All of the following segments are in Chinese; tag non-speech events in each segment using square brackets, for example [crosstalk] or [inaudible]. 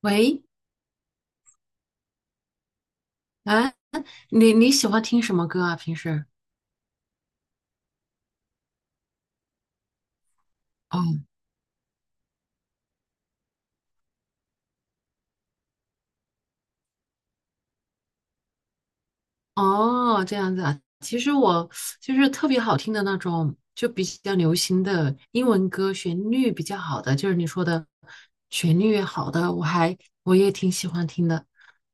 喂，啊，你喜欢听什么歌啊？平时？哦哦，这样子啊。其实我就是特别好听的那种，就比较流行的英文歌，旋律比较好的，就是你说的旋律好的，我也挺喜欢听的。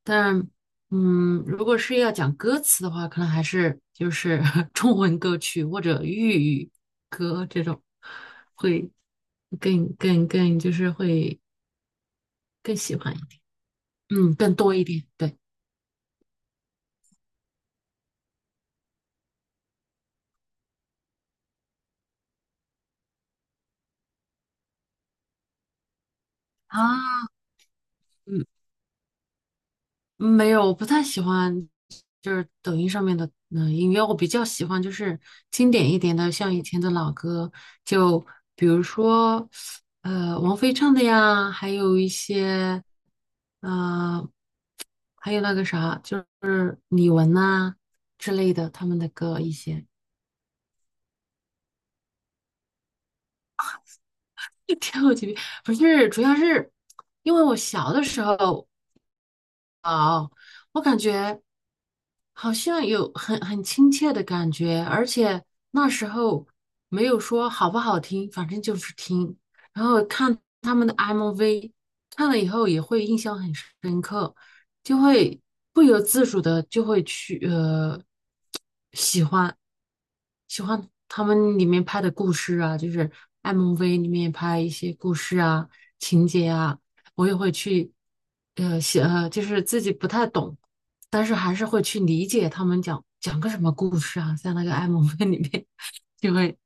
但如果是要讲歌词的话，可能还是就是 [laughs] 中文歌曲或者粤语歌这种，会更就是会更喜欢一点，嗯，更多一点。对。啊，嗯，没有，我不太喜欢，就是抖音上面的音乐，我比较喜欢就是经典一点的，像以前的老歌，就比如说王菲唱的呀，还有一些呃还有那个啥，就是李玟呐、之类的他们的歌一些，[laughs] 跳级不是，主要是因为我小的时候啊、我感觉。好像有很亲切的感觉，而且那时候没有说好不好听，反正就是听。然后看他们的 MV，看了以后也会印象很深刻，就会不由自主的就会去喜欢。喜欢他们里面拍的故事啊，就是 MV 里面拍一些故事啊、情节啊，我也会去呃写呃，就是自己不太懂，但是还是会去理解他们讲个什么故事啊，在那个 MV 里面就会。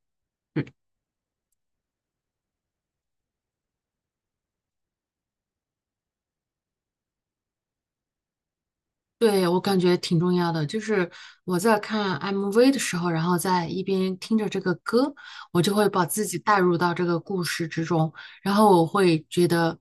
对，我感觉挺重要的，就是我在看 MV 的时候，然后在一边听着这个歌，我就会把自己带入到这个故事之中，然后我会觉得，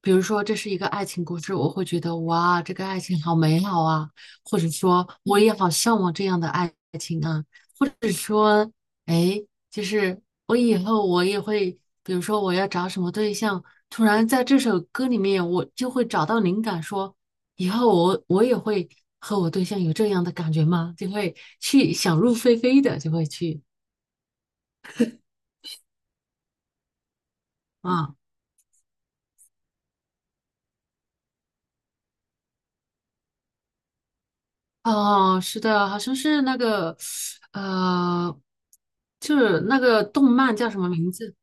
比如说这是一个爱情故事，我会觉得哇，这个爱情好美好啊，或者说我也好向往这样的爱情啊，或者说，哎，就是我以后我也会，比如说我要找什么对象，突然在这首歌里面我就会找到灵感说。以后我也会和我对象有这样的感觉吗？就会去想入非非的，就会去啊哦，是的，好像是那个呃，就是那个动漫叫什么名字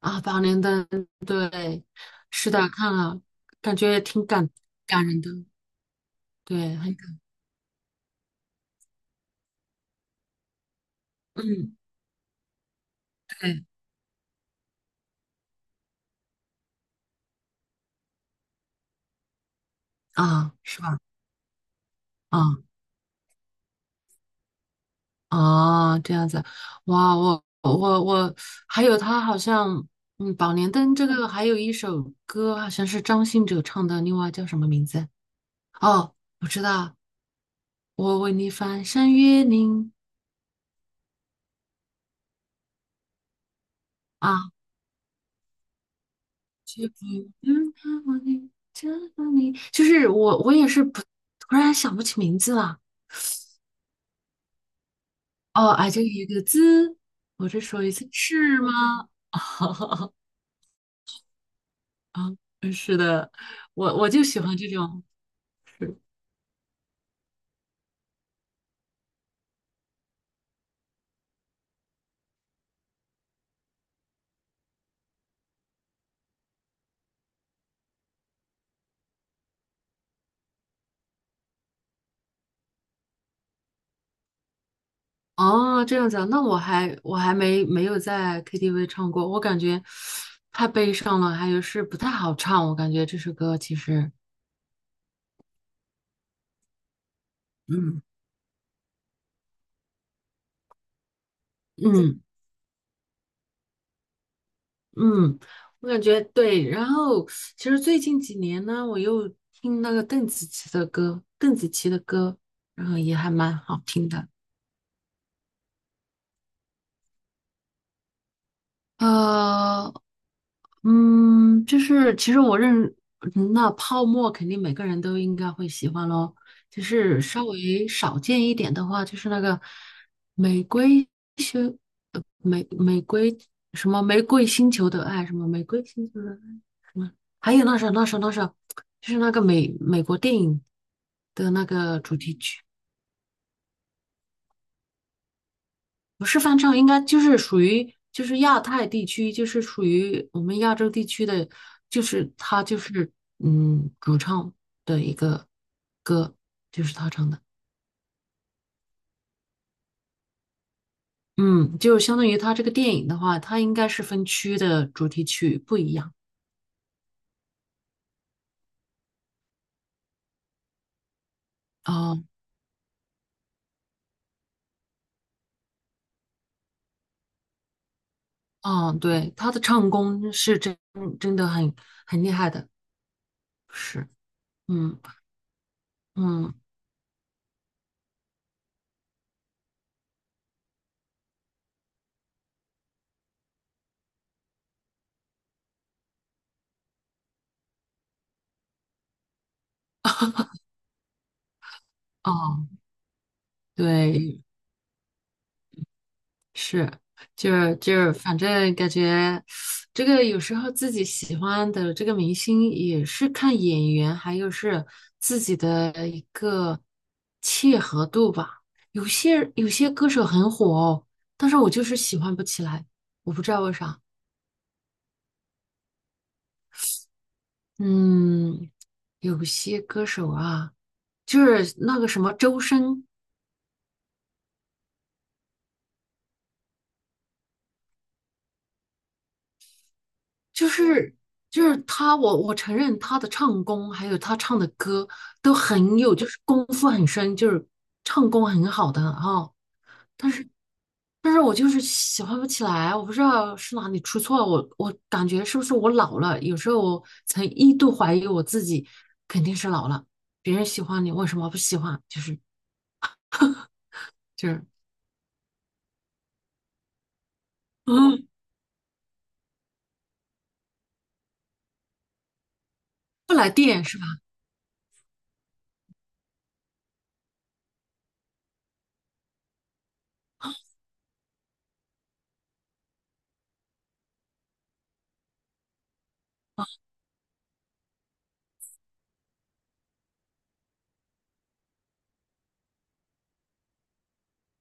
啊？《八连灯》对，是的，看了，感觉挺感人的，对，很感，嗯，对啊，是吧？啊。啊，这样子，哇，我还有他好像，嗯，《宝莲灯》这个还有一首歌，好像是张信哲唱的，另外叫什么名字？哦，我知道，我为你翻山越岭啊，却不能看望你，这个你，就是我也是不，突然想不起名字了。哦，哎，就一个字，我再说一次是吗？[laughs] 啊，是的，我就喜欢这种。哦，这样子啊，那我还没有在 KTV 唱过，我感觉太悲伤了，还有是不太好唱，我感觉这首歌其实，嗯嗯嗯，我感觉对。然后其实最近几年呢，我又听那个邓紫棋的歌，然后也还蛮好听的。呃就是其实我认，嗯那泡沫肯定每个人都应该会喜欢咯。就是稍微少见一点的话，就是那个玫瑰星，呃玫玫瑰玫瑰星球的爱，什么玫瑰星球的爱，还有那首，就是那个美国电影的那个主题曲。不是翻唱，应该就是属于就是亚太地区，就是属于我们亚洲地区的，就是他主唱的一个歌，就是他唱的，嗯，就相当于他这个电影的话，它应该是分区的主题曲不一样。哦哦，对，他的唱功是真的很厉害的，是，嗯嗯哦，对，是，就是，反正感觉这个有时候自己喜欢的这个明星也是看演员，还有是自己的一个契合度吧。有些歌手很火哦，但是我就是喜欢不起来，我不知道为啥。嗯，有些歌手啊，就是那个什么周深，就是就是他，我承认他的唱功，还有他唱的歌都很有，就是功夫很深，就是唱功很好的啊、但是但是我就是喜欢不起来，我不知道是哪里出错了，我感觉是不是我老了？有时候我曾一度怀疑我自己，肯定是老了。别人喜欢你，为什么不喜欢？就是，嗯，不来电是吧？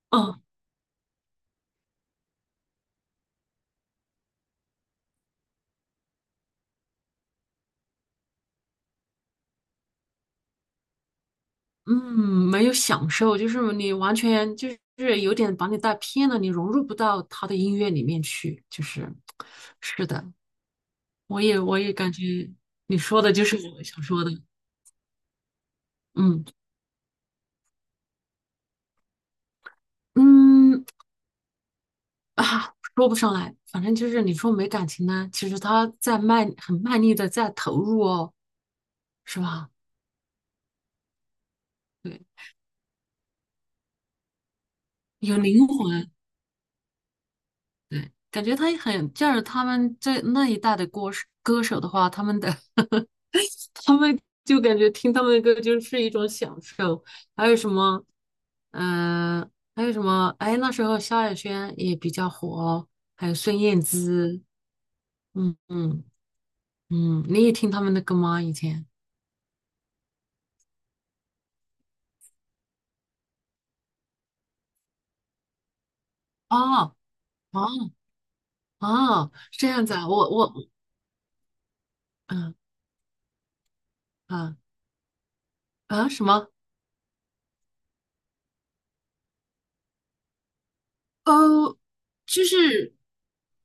嗯，嗯，没有享受，就是你完全就是有点把你带偏了，你融入不到他的音乐里面去，就是，是的，我也感觉你说的就是我想说的，嗯嗯说不上来，反正就是你说没感情呢，其实他在卖，很卖力的在投入哦，是吧？对，有灵魂，对，感觉他也很，就是他们这那一代的歌手的话，他们就感觉听他们的歌就是一种享受。还有什么，嗯、还有什么？哎，那时候萧亚轩也比较火，还有孙燕姿，嗯嗯你也听他们的歌吗？以前？哦哦哦，是这样子啊，我嗯嗯啊啊什么？呃，就是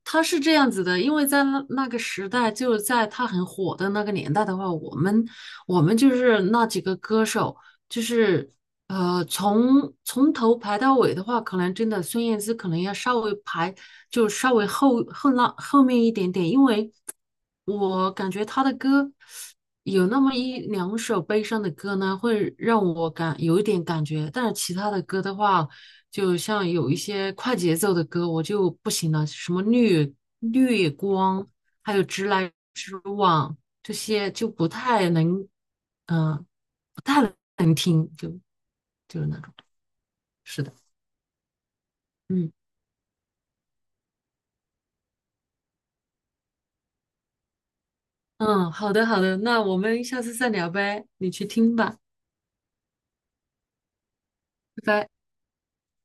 他是这样子的，因为在那个时代，就是在他很火的那个年代的话，我们就是那几个歌手，就是从头排到尾的话，可能真的孙燕姿可能要稍微排，就稍微后面一点点，因为我感觉他的歌有那么一两首悲伤的歌呢，会让我感有一点感觉，但是其他的歌的话。就像有一些快节奏的歌，我就不行了，什么绿光，还有直来直往，这些就不太能，嗯、不太能听，就是那种。是的，嗯嗯，好的好的，那我们下次再聊呗，你去听吧，拜拜。